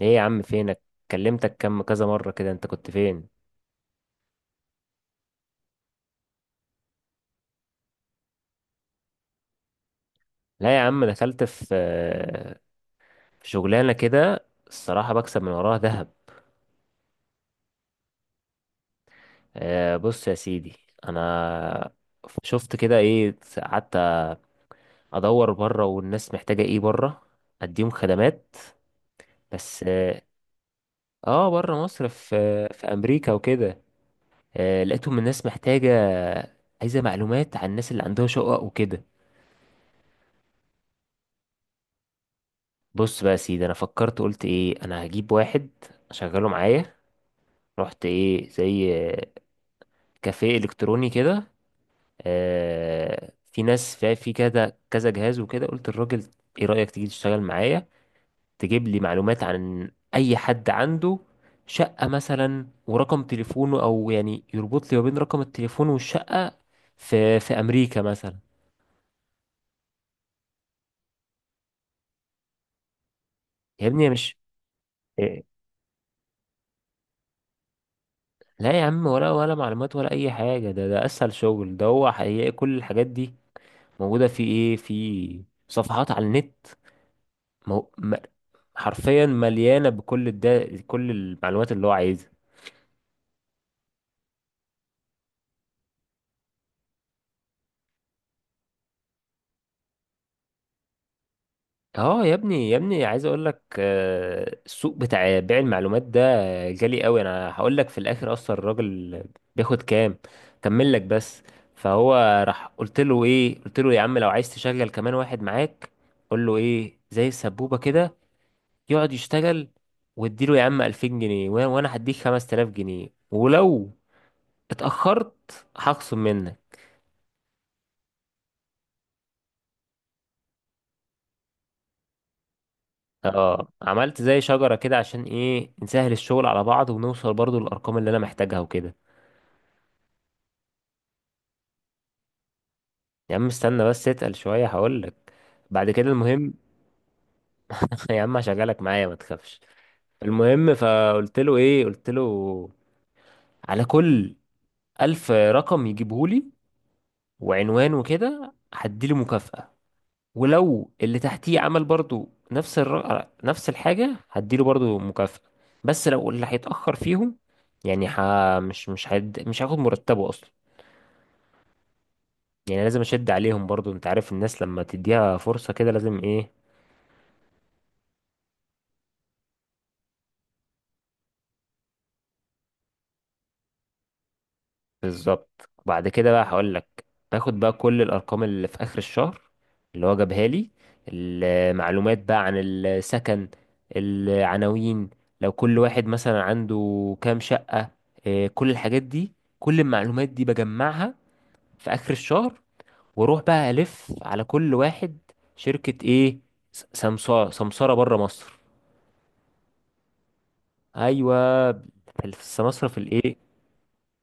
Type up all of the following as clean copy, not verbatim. ايه يا عم، فينك؟ كلمتك كم كذا مرة كده، انت كنت فين؟ لا يا عم، دخلت في شغلانة كده، الصراحة بكسب من وراها ذهب. آه، بص يا سيدي، انا شفت كده قعدت ادور بره والناس محتاجة ايه بره، اديهم خدمات بس اه. آه، بره مصر، في امريكا وكده. آه، لقيتهم الناس محتاجة عايزة معلومات عن الناس اللي عندها شقق وكده. بص بقى يا سيدي، انا فكرت قلت ايه، انا هجيب واحد اشغله معايا. رحت ايه زي كافيه الكتروني كده، في ناس في كذا كذا جهاز وكده، قلت الراجل، ايه رأيك تيجي تشتغل معايا؟ تجيب لي معلومات عن اي حد عنده شقة مثلا ورقم تليفونه، او يعني يربط لي ما بين رقم التليفون والشقة في امريكا مثلا. يا ابني يا مش. إيه؟ لا يا عم، ولا معلومات ولا اي حاجة، ده اسهل شغل، ده هو حقيقي كل الحاجات دي موجودة في في صفحات على النت. مو... م... حرفيا مليانه كل المعلومات اللي هو عايزها. اه يا ابني يا ابني، عايز اقول لك السوق بتاع بيع المعلومات ده غالي قوي، انا هقول لك في الاخر، اصلا الراجل بياخد كام، كمل لك بس. فهو راح قلت له ايه، قلت له يا عم لو عايز تشغل كمان واحد معاك، قول له ايه، زي السبوبه كده، يقعد يشتغل، واديله يا عم 2000 جنيه، وأنا هديك 5000 جنيه، ولو اتاخرت هخصم منك. اه، عملت زي شجرة كده عشان ايه نسهل الشغل على بعض ونوصل برضو للأرقام اللي أنا محتاجها وكده. يا عم استنى بس اتقل شوية هقولك، بعد كده المهم. يا عم هشغلك معايا، ما تخافش. المهم فقلت له ايه، قلت له، على كل 1000 رقم يجيبهولي وعنوان وكده، هديله مكافأة، ولو اللي تحتيه عمل برضو نفس الحاجة هديله برضو مكافأة. بس لو اللي هيتأخر فيهم، يعني مش مش هاخد مرتبه أصلا، يعني لازم اشد عليهم برضو، انت عارف الناس لما تديها فرصة كده لازم ايه. بالظبط، وبعد كده بقى هقول لك، باخد بقى كل الارقام اللي في اخر الشهر اللي هو جابها لي، المعلومات بقى عن السكن، العناوين، لو كل واحد مثلا عنده كام شقة، إيه، كل الحاجات دي، كل المعلومات دي بجمعها في اخر الشهر، واروح بقى الف على كل واحد شركة، ايه، سمسارة سمسارة بره مصر. ايوه، في السمسرة في الايه.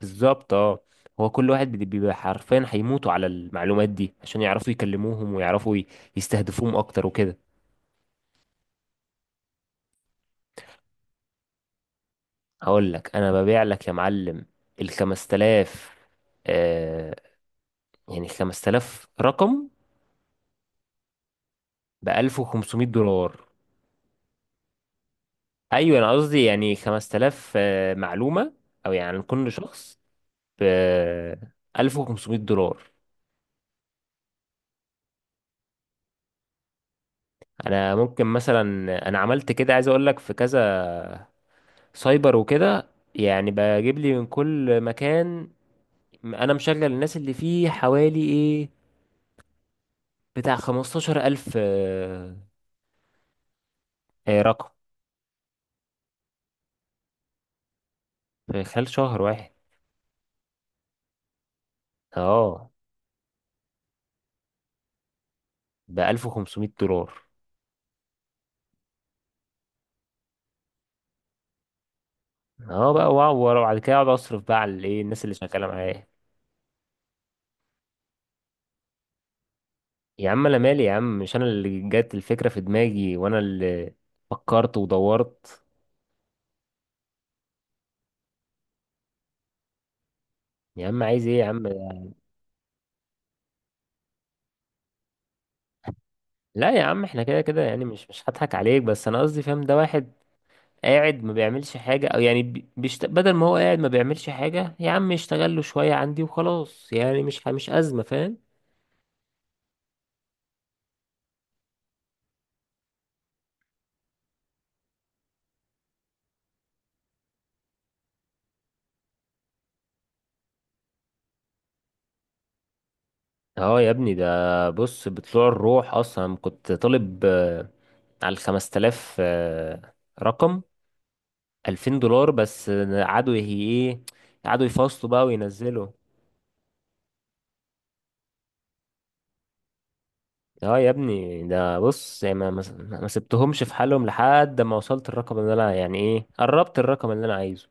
بالظبط اه. هو كل واحد بيبقى حرفيا هيموتوا على المعلومات دي عشان يعرفوا يكلموهم ويعرفوا يستهدفوهم اكتر وكده. هقول لك، انا ببيع لك يا معلم، ال 5000، آه يعني 5000 رقم ب 1500 دولار. ايوه، انا قصدي يعني 5000 معلومة، او يعني كل شخص ب 1500 دولار. انا ممكن مثلا، انا عملت كده عايز اقول لك، في كذا سايبر وكده، يعني بجيب لي من كل مكان، انا مشغل الناس اللي فيه حوالي بتاع 15000 رقم، في خلال شهر واحد. اه، ب 1500 دولار. اه بقى، واو وبعد كده اقعد اصرف بقى على الايه الناس اللي شغاله معايا. يا عم انا مالي يا عم، مش انا اللي جت الفكره في دماغي، وانا اللي فكرت ودورت. يا عم عايز ايه يا عم؟ لا يا عم، احنا كده كده يعني مش هضحك عليك، بس انا قصدي فاهم، ده واحد قاعد ما بيعملش حاجة، او يعني بدل ما هو قاعد ما بيعملش حاجة يا عم يشتغل له شوية عندي وخلاص، يعني مش أزمة فاهم. اه يا ابني، ده بص بطلوع الروح اصلا، كنت طالب على ال 5000 رقم، 2000 دولار بس، قعدوا يه- ايه قعدوا يفاصلوا بقى وينزلوا. اه يا ابني، ده بص يعني، ما سبتهمش في حالهم لحد ما وصلت الرقم اللي انا، يعني ايه، قربت الرقم اللي انا عايزه.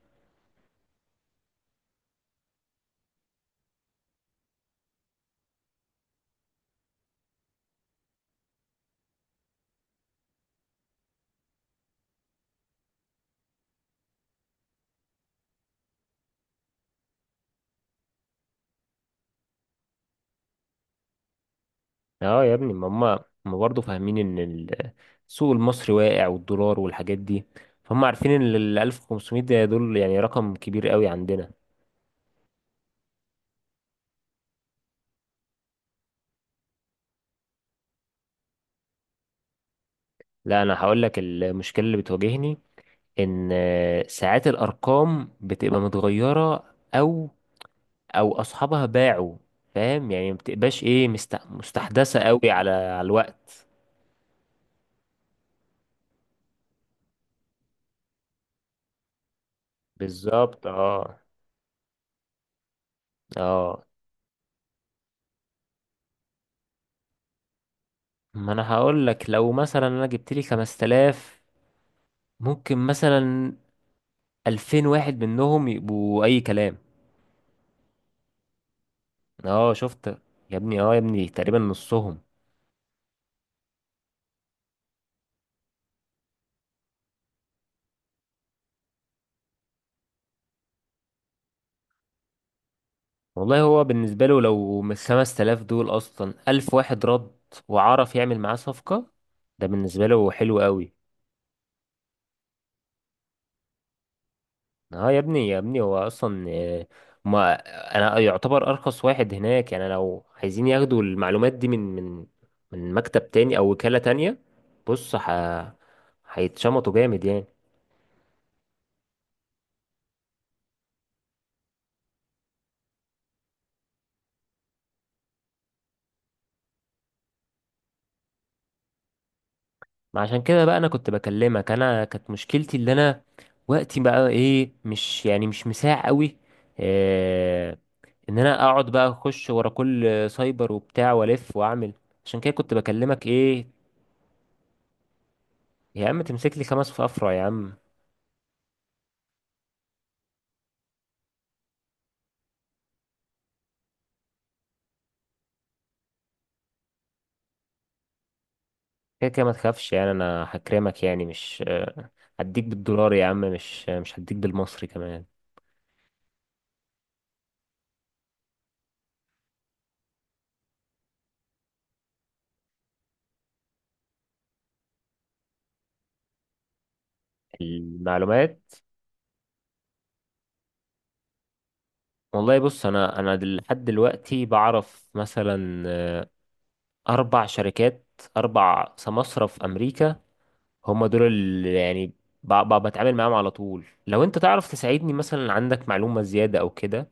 اه يا ابني، ما هم برضه فاهمين ان السوق المصري واقع والدولار والحاجات دي، فهم عارفين ان ال 1500 ده دول يعني رقم كبير قوي عندنا. لا، انا هقول لك المشكله اللي بتواجهني، ان ساعات الارقام بتبقى متغيره، او او اصحابها باعوا، فاهم يعني ما بتبقاش ايه مستحدثه قوي على الوقت. بالظبط اه اه. ما انا هقول لك، لو مثلا انا جبت لي 5000، ممكن مثلا 2000 واحد منهم يبقوا اي كلام. اه شفت. يا ابني، اه يا ابني، تقريبا نصهم. والله هو بالنسبة له، لو من 5000 دول اصلا 1000 واحد رد وعرف يعمل معاه صفقة، ده بالنسبة له حلو قوي. اه يا ابني يا ابني، هو اصلا ما انا يعتبر ارخص واحد هناك، يعني لو عايزين ياخدوا المعلومات دي من مكتب تاني او وكالة تانية، بص هيتشمطوا جامد يعني. ما عشان كده بقى انا كنت بكلمك، انا كانت مشكلتي اللي انا، وقتي بقى ايه مش، يعني مش مساع قوي، إيه، ان انا اقعد بقى اخش ورا كل سايبر وبتاع والف واعمل، عشان كده كنت بكلمك ايه. يا عم تمسك لي خمس في افرع يا عم. كده كده ما تخافش، يعني انا هكرمك، يعني مش هديك بالدولار يا عم، مش مش هديك بالمصري كمان. المعلومات، والله بص، انا لحد دلوقتي بعرف مثلا أربع شركات، أربع سماسرة في أمريكا، هم دول اللي يعني بتعامل معاهم على طول، لو أنت تعرف تساعدني مثلا عندك معلومة زيادة أو كده.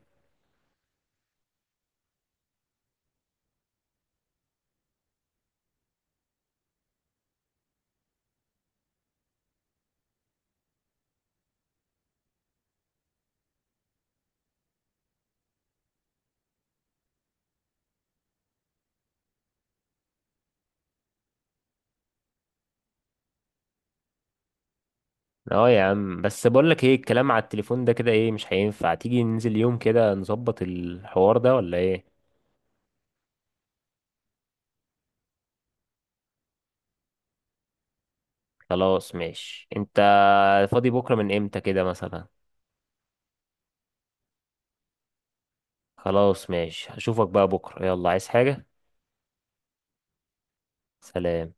اه يا عم، بس بقول لك ايه، الكلام على التليفون ده كده ايه، مش هينفع تيجي ننزل يوم كده نظبط الحوار ده ولا ايه؟ خلاص ماشي، انت فاضي بكرة من امتى كده مثلا؟ خلاص ماشي، هشوفك بقى بكرة، يلا عايز حاجة؟ سلام.